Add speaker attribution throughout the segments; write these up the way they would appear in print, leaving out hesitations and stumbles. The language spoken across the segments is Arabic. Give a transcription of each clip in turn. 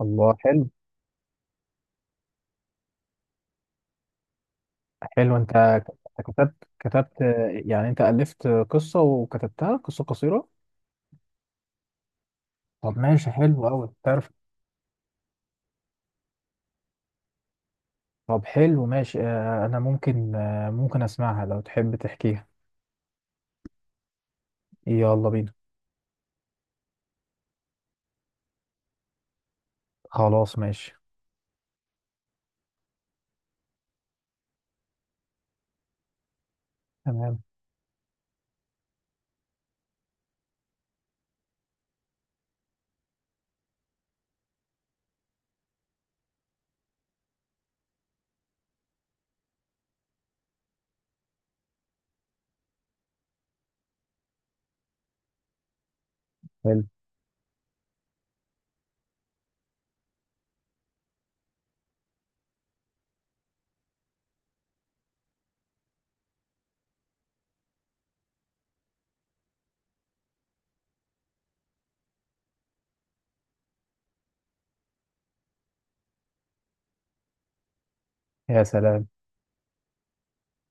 Speaker 1: الله. حلو. حلو، انت أنت كتبت؟ يعني انت ألفت قصة وكتبتها قصة قصيرة؟ طب ماشي، حلو أوي، تعرف. طب حلو ماشي، انا ممكن، ممكن اسمعها لو تحب تحكيها. يلا بينا. خلاص ماشي. تمام. حلو. يا سلام.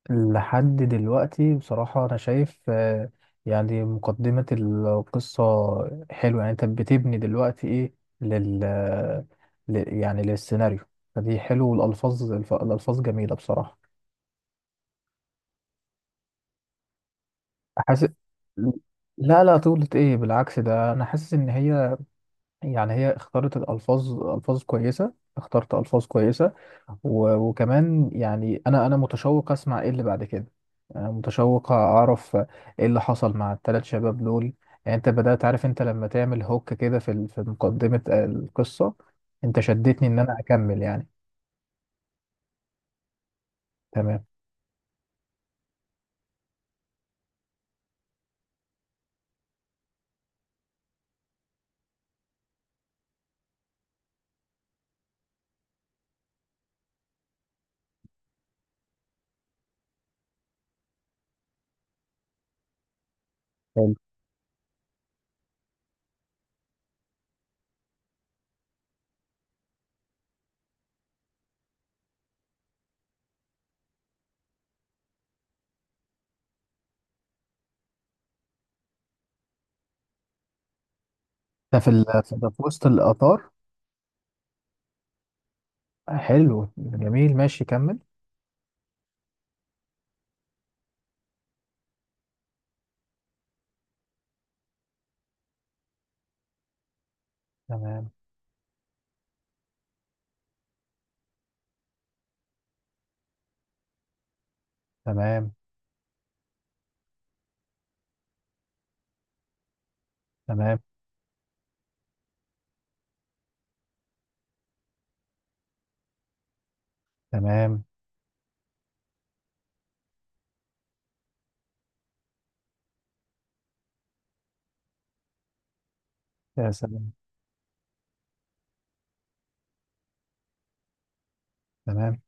Speaker 1: لحد دلوقتي بصراحة أنا شايف، يعني مقدمة القصة حلوة، يعني أنت بتبني دلوقتي إيه لل يعني للسيناريو، فدي حلو، والألفاظ الألفاظ جميلة بصراحة. حاسس، لا طولت إيه، بالعكس ده أنا حاسس إن هي يعني هي اختارت الألفاظ، ألفاظ كويسة، اخترت ألفاظ كويسة. وكمان يعني أنا متشوق أسمع إيه اللي بعد كده، أنا متشوق أعرف إيه اللي حصل مع الثلاث شباب دول. يعني أنت بدأت، عارف أنت لما تعمل هوك كده في في مقدمة القصة، أنت شدتني إن أنا أكمل يعني. تمام. حلو. ده في في ده في وسط القطار. حلو جميل ماشي، كمل. تمام. تمام. تمام. تمام. يا سلام. تمام.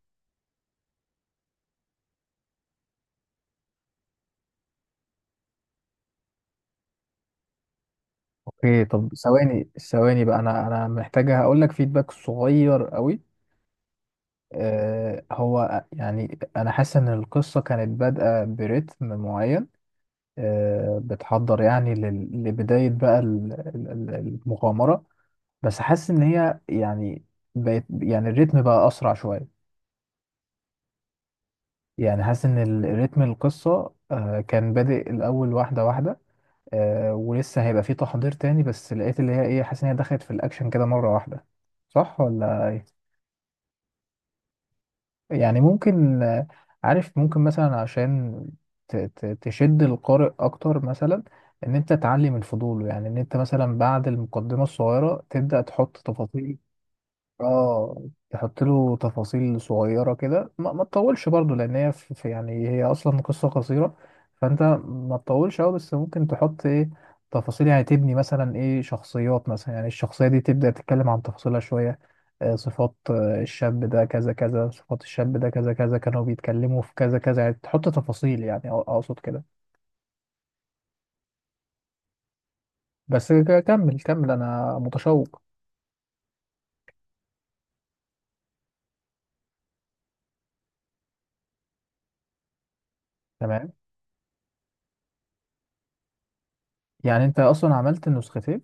Speaker 1: اوكي، طب ثواني ثواني بقى، انا محتاجه هقول لك فيدباك صغير قوي. آه، هو يعني انا حاسس ان القصه كانت بادئه برتم معين، آه، بتحضر يعني لبدايه بقى المغامره، بس حاسس ان هي يعني بقت يعني الريتم بقى اسرع شويه. يعني حاسس ان الريتم القصه آه كان بادئ الاول واحده واحده، آه، ولسه هيبقى في تحضير تاني، بس لقيت اللي هي ايه، حاسس ان هي دخلت في الاكشن كده مرة واحدة، صح ولا ايه؟ يعني ممكن، عارف ممكن مثلا عشان تشد القارئ اكتر، مثلا ان انت تعلي من فضوله، يعني ان انت مثلا بعد المقدمة الصغيرة تبدأ تحط تفاصيل. اه، تحط له تفاصيل صغيرة كده، ما تطولش برضو، لان هي في يعني هي اصلا قصة قصيرة، فانت ما تطولش قوي، بس ممكن تحط ايه، تفاصيل، يعني تبني مثلا ايه شخصيات، مثلا يعني الشخصية دي تبدأ تتكلم عن تفاصيلها شوية، صفات، الشاب ده كذا كذا، صفات الشاب ده كذا كذا، كانوا بيتكلموا في كذا كذا، يعني تحط تفاصيل يعني، اقصد كده. بس كمل كمل، انا متشوق. تمام. يعني انت اصلا عملت النسختين؟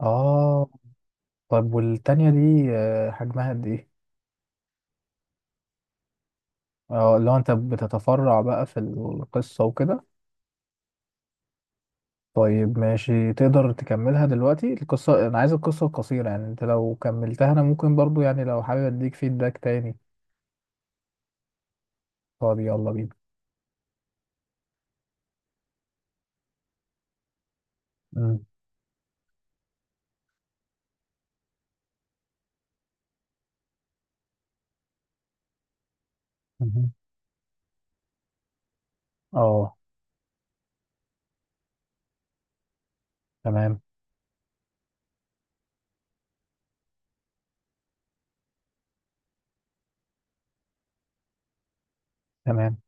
Speaker 1: اه، طب والتانية دي آه، حجمها قد ايه؟ اه، لو انت بتتفرع بقى في القصة وكده. طيب ماشي، تقدر تكملها دلوقتي القصة؟ انا عايز القصة القصيرة، يعني انت لو كملتها انا ممكن برضو يعني لو حابب اديك فيدباك تاني، طب يلا بينا. مم. مهم. اه. تمام. تمام.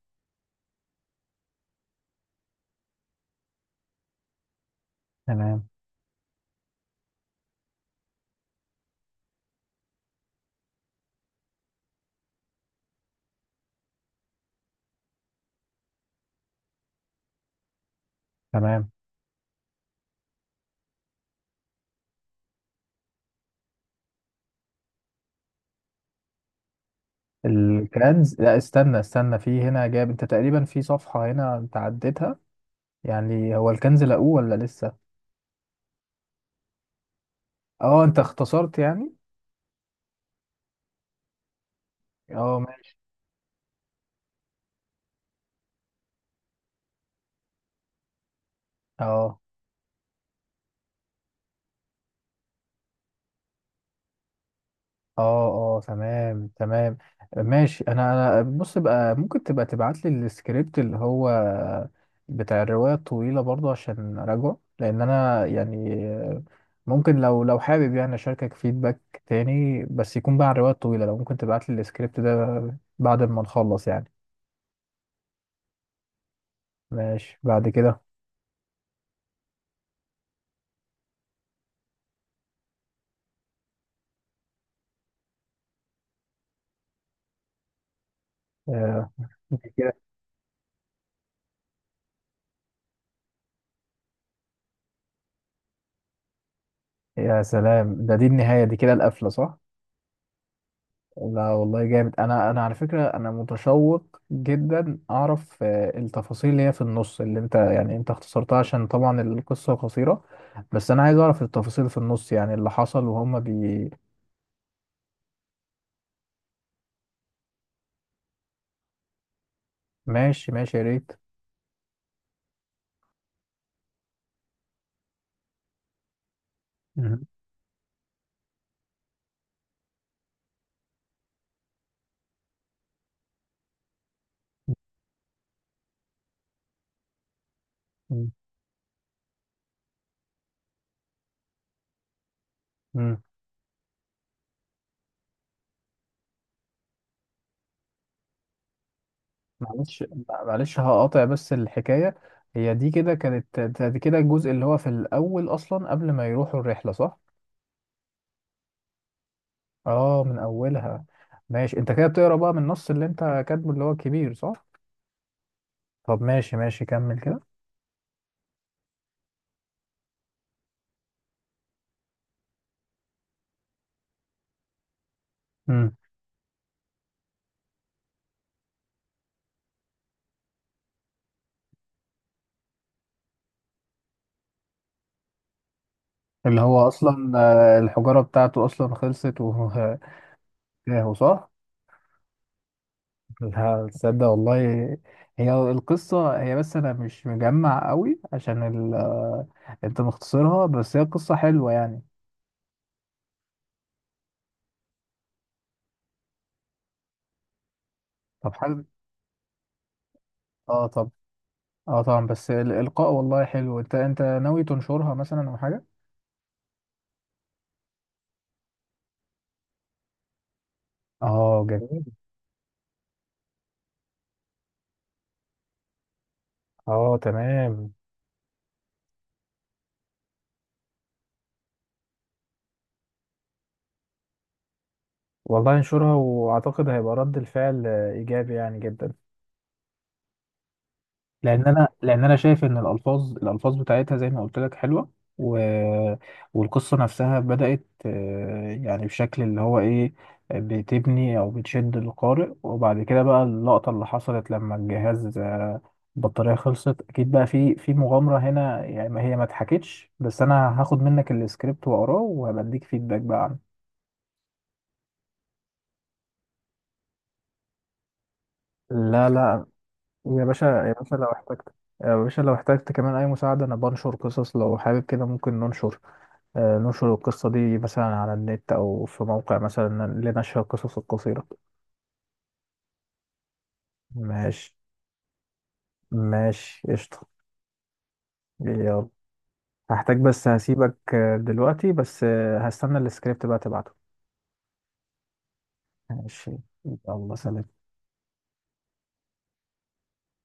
Speaker 1: تمام. تمام. الكنز، لا استنى استنى، في هنا جاب انت تقريبا في صفحة هنا انت عديتها. يعني هو الكنز لقوه ولا لسه؟ اه انت اختصرت يعني؟ اه ماشي. اه. اه. اه تمام تمام. ماشي. انا بص بقى، ممكن تبقى تبعت لي السكريبت اللي هو بتاع الرواية الطويلة برضه عشان اراجعه، لان انا يعني ممكن لو لو حابب يعني اشاركك فيدباك تاني، بس يكون بقى عن الرواية الطويلة. لو ممكن تبعت لي السكريبت ده بعد ما نخلص يعني. ماشي بعد كده. آه، دي كده، يا سلام، ده دي النهاية، دي كده القفلة صح؟ لا والله جامد، انا على فكره انا متشوق جدا اعرف، التفاصيل اللي هي في النص اللي انت يعني انت اختصرتها عشان طبعا القصه قصيره، بس انا عايز اعرف التفاصيل في النص، يعني اللي حصل وهم بي. ماشي ماشي، يا ريت. مهم. مهم. مم. معلش، معلش هقاطع بس الحكايه، هي دي كده كانت، دي كده الجزء اللي هو في الاول اصلا قبل ما يروحوا الرحله صح؟ اه من اولها. ماشي، انت كده بتقرا بقى من النص اللي انت كاتبه اللي هو الكبير صح؟ طب ماشي ماشي، كمل كده. امم اللي هو اصلا، الحجاره بتاعته اصلا خلصت وهو صح. لا تصدق والله، هي القصه هي بس انا مش مجمع قوي عشان انت مختصرها، بس هي قصه حلوه يعني. طب حلو. اه طب، اه طبعا، بس الالقاء والله حلو. انت، انت ناوي تنشرها مثلا او حاجه؟ اه جميل. اه تمام. والله انشرها، واعتقد هيبقى رد الفعل ايجابي يعني جدا، لان انا، لان انا شايف ان الالفاظ، الالفاظ بتاعتها زي ما قلت لك حلوه. و... والقصه نفسها بدات، آه، يعني بشكل اللي هو ايه، بتبني او بتشد القارئ، وبعد كده بقى اللقطه اللي حصلت لما الجهاز آه، البطاريه خلصت، اكيد بقى في في مغامره هنا يعني ما هي ما اتحكتش، بس انا هاخد منك السكريبت واقراه وهبديك فيدباك بقى عنه. لا لا، يا باشا، يا باشا لو احتجت، يا باشا لو احتجت كمان اي مساعده، انا بنشر قصص لو حابب كده ممكن ننشر، نشر القصة دي مثلا على النت أو في موقع مثلا لنشر القصص القصيرة. ماشي. ماشي قشطة. يلا. هحتاج بس هسيبك، دلوقتي بس، هستنى السكريبت بقى تبعته. ماشي. يلا سلام.